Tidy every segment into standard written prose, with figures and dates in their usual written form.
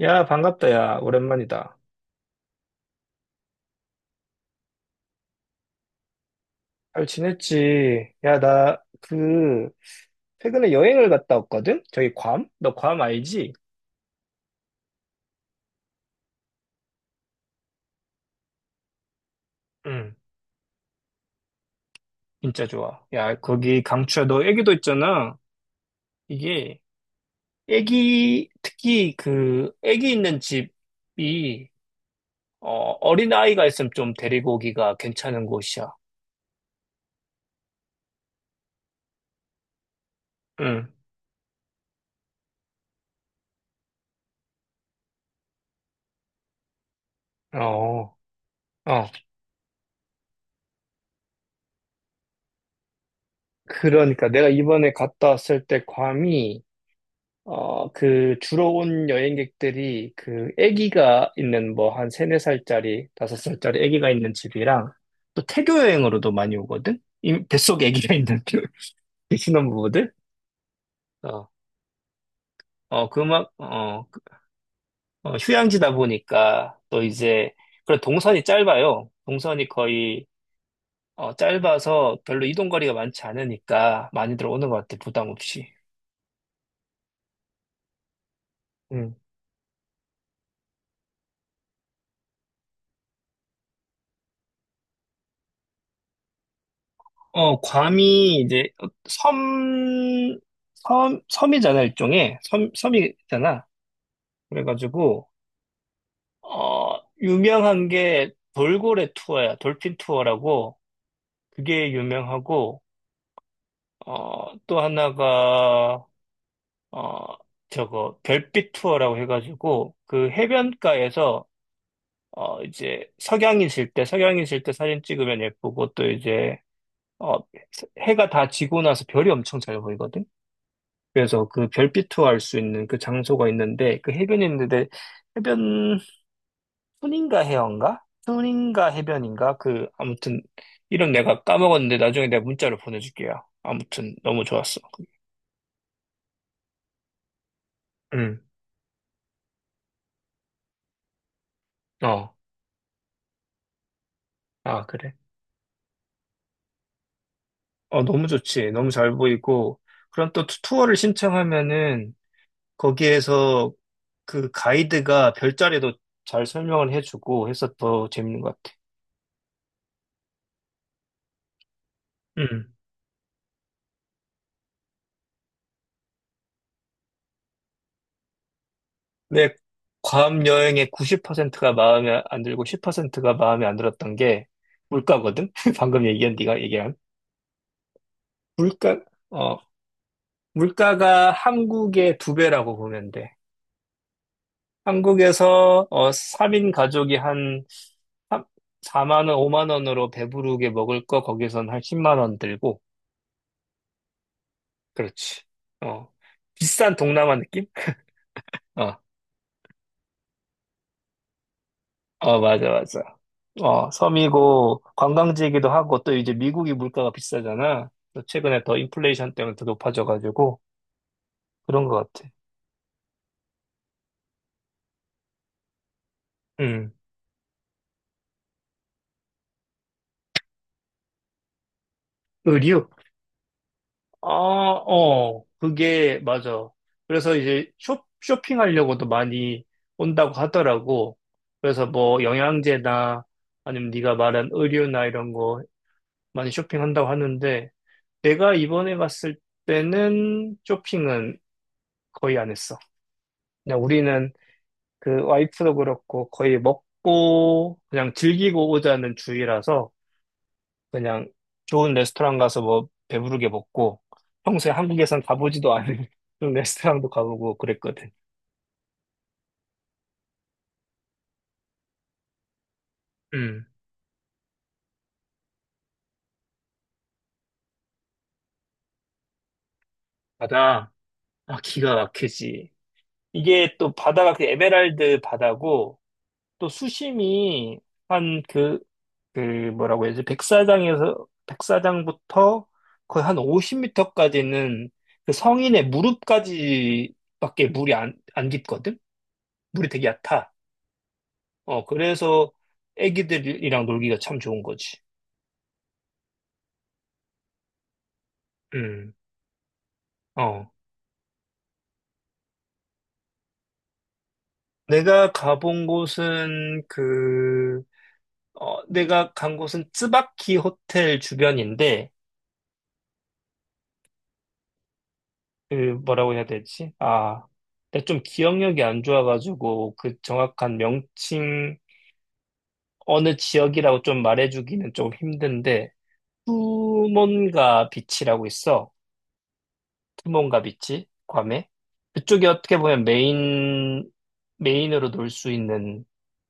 야, 반갑다, 야. 오랜만이다. 잘 지냈지? 야, 나, 최근에 여행을 갔다 왔거든? 저기 괌? 너 괌 알지? 응, 진짜 좋아. 야, 거기 강추야. 너 애기도 있잖아. 이게, 애기, 특히 애기 있는 집이, 어, 어린아이가 있으면 좀 데리고 오기가 괜찮은 곳이야. 응. 어, 어. 그러니까 내가 이번에 갔다 왔을 때 괌이, 그 주로 온 여행객들이 그 아기가 있는 뭐 한 세네 살짜리, 다섯 살짜리 아기가 있는 집이랑 또 태교 여행으로도 많이 오거든? 이 뱃속에 아기가 있는 그 신혼부부들? 어, 어, 휴양지다 보니까 또 이제, 그래, 동선이 짧아요. 동선이 거의, 짧아서 별로 이동 거리가 많지 않으니까 많이들 오는 것 같아, 부담 없이. 괌이 이제 섬, 섬이잖아, 일종의. 섬이잖아. 그래가지고, 유명한 게 돌고래 투어야. 돌핀 투어라고. 그게 유명하고, 또 하나가, 어, 저거, 별빛 투어라고 해가지고, 그 해변가에서, 이제 석양이 질 때 사진 찍으면 예쁘고, 또 이제, 어, 해가 다 지고 나서 별이 엄청 잘 보이거든. 그래서 그 별빛투할 수 있는 그 장소가 있는데 그 해변이 있는데 해변 툰인가 해안가? 툰인가 해변인가? 그 아무튼 이름 내가 까먹었는데 나중에 내가 문자로 보내줄게요. 아무튼 너무 좋았어. 응. 어. 아, 그래. 너무 좋지. 너무 잘 보이고. 그럼 또 투어를 신청하면은 거기에서 그 가이드가 별자리도 잘 설명을 해주고 해서 더 재밌는 것 같아. 응. 근데 괌 여행의 90%가 마음에 안 들고 10%가 마음에 안 들었던 게 물가거든? 방금 얘기한, 네가 얘기한. 물가, 어, 물가가 한국의 두 배라고 보면 돼. 한국에서, 3인 가족이 한 3, 4만 원, 5만 원으로 배부르게 먹을 거 거기선 한 10만 원 들고. 그렇지. 어. 비싼 동남아 느낌? 어, 어, 맞아, 맞아. 섬이고 관광지이기도 하고 또 이제 미국이 물가가 비싸잖아. 또 최근에 더 인플레이션 때문에 더 높아져가지고 그런 것 같아. 음. 의류? 아, 어, 그게 맞아. 그래서 이제 쇼핑하려고도 많이 온다고 하더라고. 그래서 뭐 영양제나 아니면 네가 말한 의류나 이런 거 많이 쇼핑한다고 하는데 내가 이번에 갔을 때는 쇼핑은 거의 안 했어. 그냥 우리는 그 와이프도 그렇고 거의 먹고 그냥 즐기고 오자는 주의라서 그냥 좋은 레스토랑 가서 뭐 배부르게 먹고 평소에 한국에선 가보지도 않은 그런 레스토랑도 가보고 그랬거든. 음, 바다. 아, 기가 막히지. 이게 또 바다가 그 에메랄드 바다고 또 수심이 한그 그 뭐라고 해야지 백사장에서 백사장부터 거의 한 50 m까지는 그 성인의 무릎까지밖에 물이 안 깊거든? 물이 되게 얕아. 그래서 애기들이랑 놀기가 참 좋은 거지. 음, 어. 내가 가본 곳은 그, 내가 간 곳은 쯔바키 호텔 주변인데, 그 뭐라고 해야 되지? 아, 내가 좀 기억력이 안 좋아가지고 그 정확한 명칭 어느 지역이라고 좀 말해주기는 좀 힘든데, 투몬가 비치라고 있어. 투몬가 비치, 괌에. 그쪽이 어떻게 보면 메인으로 놀 수 있는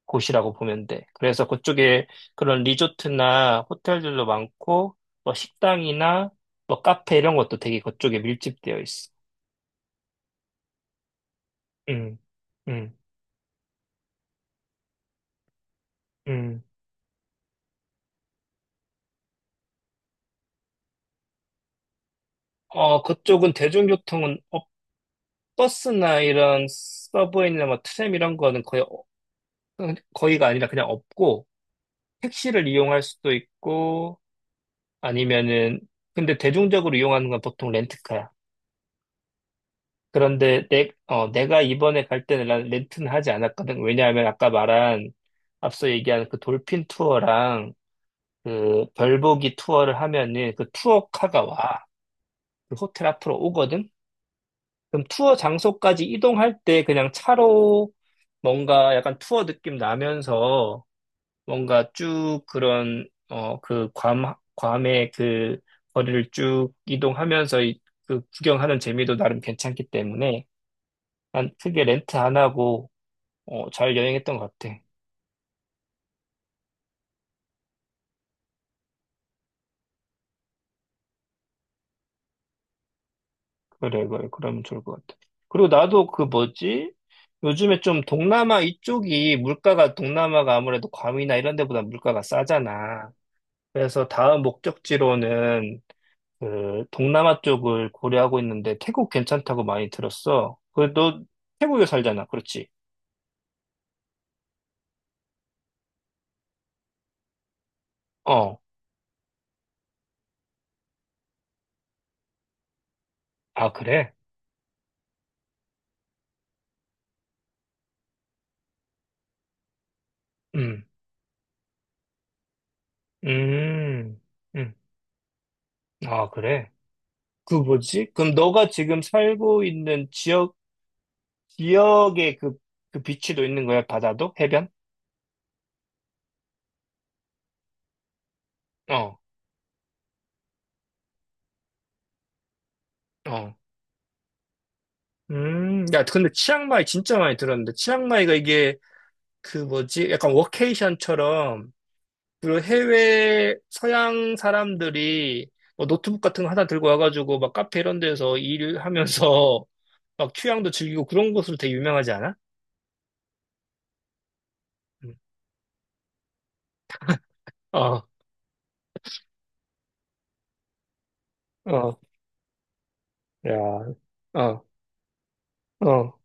곳이라고 보면 돼. 그래서 그쪽에 그런 리조트나 호텔들도 많고, 뭐 식당이나 뭐 카페 이런 것도 되게 그쪽에 밀집되어 있어. 음, 음, 음. 그쪽은 대중교통은 버스나 이런 서브웨이나 뭐 트램 이런 거는 거의 거의가 아니라 그냥 없고 택시를 이용할 수도 있고 아니면은 근데 대중적으로 이용하는 건 보통 렌트카야. 그런데 내가 이번에 갈 때는 난 렌트는 하지 않았거든. 왜냐하면 아까 말한 앞서 얘기한 그 돌핀 투어랑 그 별보기 투어를 하면은 그 투어카가 와. 그 호텔 앞으로 오거든. 그럼 투어 장소까지 이동할 때 그냥 차로 뭔가 약간 투어 느낌 나면서 뭔가 쭉 그런, 그 괌의 그 거리를 쭉 이동하면서 그 구경하는 재미도 나름 괜찮기 때문에 난 크게 렌트 안 하고, 잘 여행했던 것 같아. 그래, 그래. 그러면 좋을 것 같아. 그리고 나도 그 뭐지? 요즘에 좀 동남아 이쪽이 물가가 동남아가 아무래도 괌이나 이런 데보다 물가가 싸잖아. 그래서 다음 목적지로는 그 동남아 쪽을 고려하고 있는데 태국 괜찮다고 많이 들었어. 그 너 태국에 살잖아, 그렇지? 어. 아 그래? 음. 음. 음. 아 그래? 그 뭐지? 그럼 너가 지금 살고 있는 지역의 그 비치도 있는 거야? 바다도? 해변? 어. 어. 음. 야, 근데 치앙마이 진짜 많이 들었는데 치앙마이가 이게 그 뭐지? 약간 워케이션처럼 그 해외 서양 사람들이 뭐 노트북 같은 거 하나 들고 와가지고 막 카페 이런 데서 일하면서 막 휴양도 즐기고 그런 곳으로 되게 유명하지 않아? 음. 어, 어, 야, 어, 어.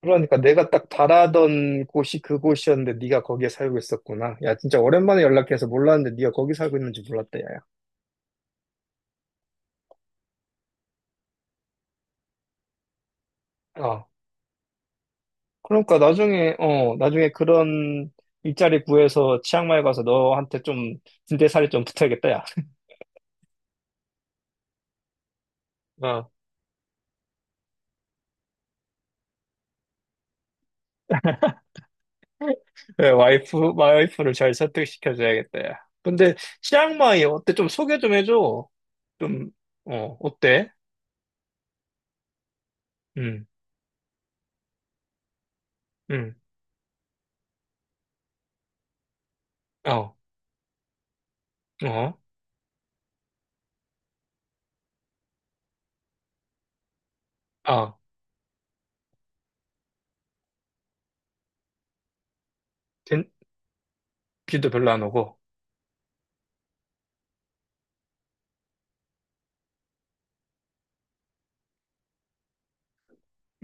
그러니까 내가 딱 바라던 곳이 그곳이었는데 네가 거기에 살고 있었구나. 야, 진짜 오랜만에 연락해서 몰랐는데 네가 거기 살고 있는지 몰랐다, 야. 어. 그러니까 나중에 그런 일자리 구해서 치앙마이 가서 너한테 좀 진대살이 좀 붙어야겠다, 야. 어. 네, 와이프를 잘 설득시켜줘야겠다. 야. 근데 치앙마이 어때? 좀 소개 좀 해줘. 좀, 어때? 음, 음, 어, 어, 아, 빈, 비도 별로 안 오고.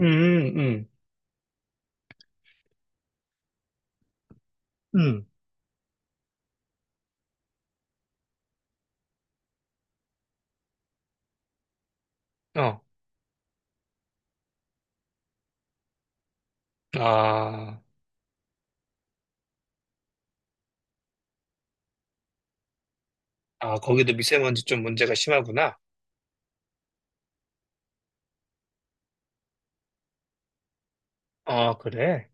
음, 음, 음, 어, 아, 아, 거기도 미세먼지 좀 문제가 심하구나. 아, 그래?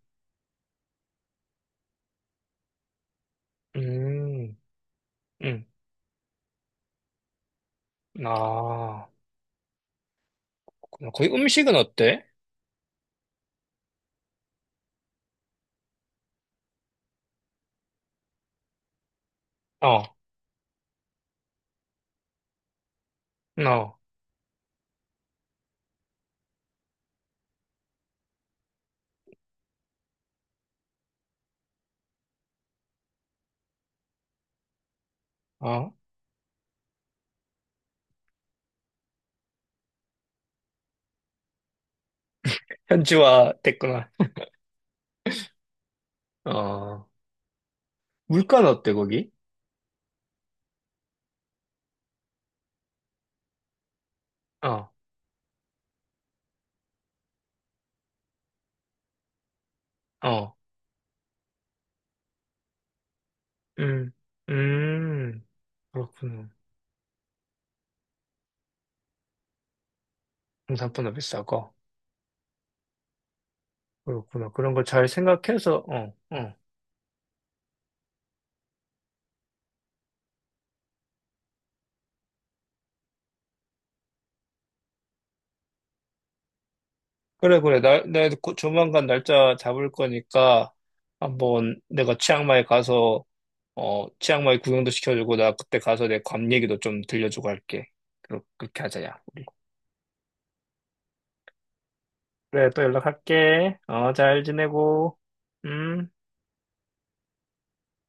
음, 음, 아, 그렇구나. 거기 음식은 어때? 어, 어, 어, 현지화 됐구나. 어, 물가는 어때, 거기? 어. 어. 음, 음, 그렇구나. 홍삼보다 비싸고. 그렇구나. 그런 걸 잘 생각해서, 어, 어. 그래, 그래. 내가 곧 조만간 날짜 잡을 거니까 한번 내가 치앙마이 가서, 치앙마이 구경도 시켜주고, 나 그때 가서 내 괌 얘기도 좀 들려주고 할게. 그렇게 하자, 야, 우리. 그래, 또 연락할게. 잘 지내고. 음.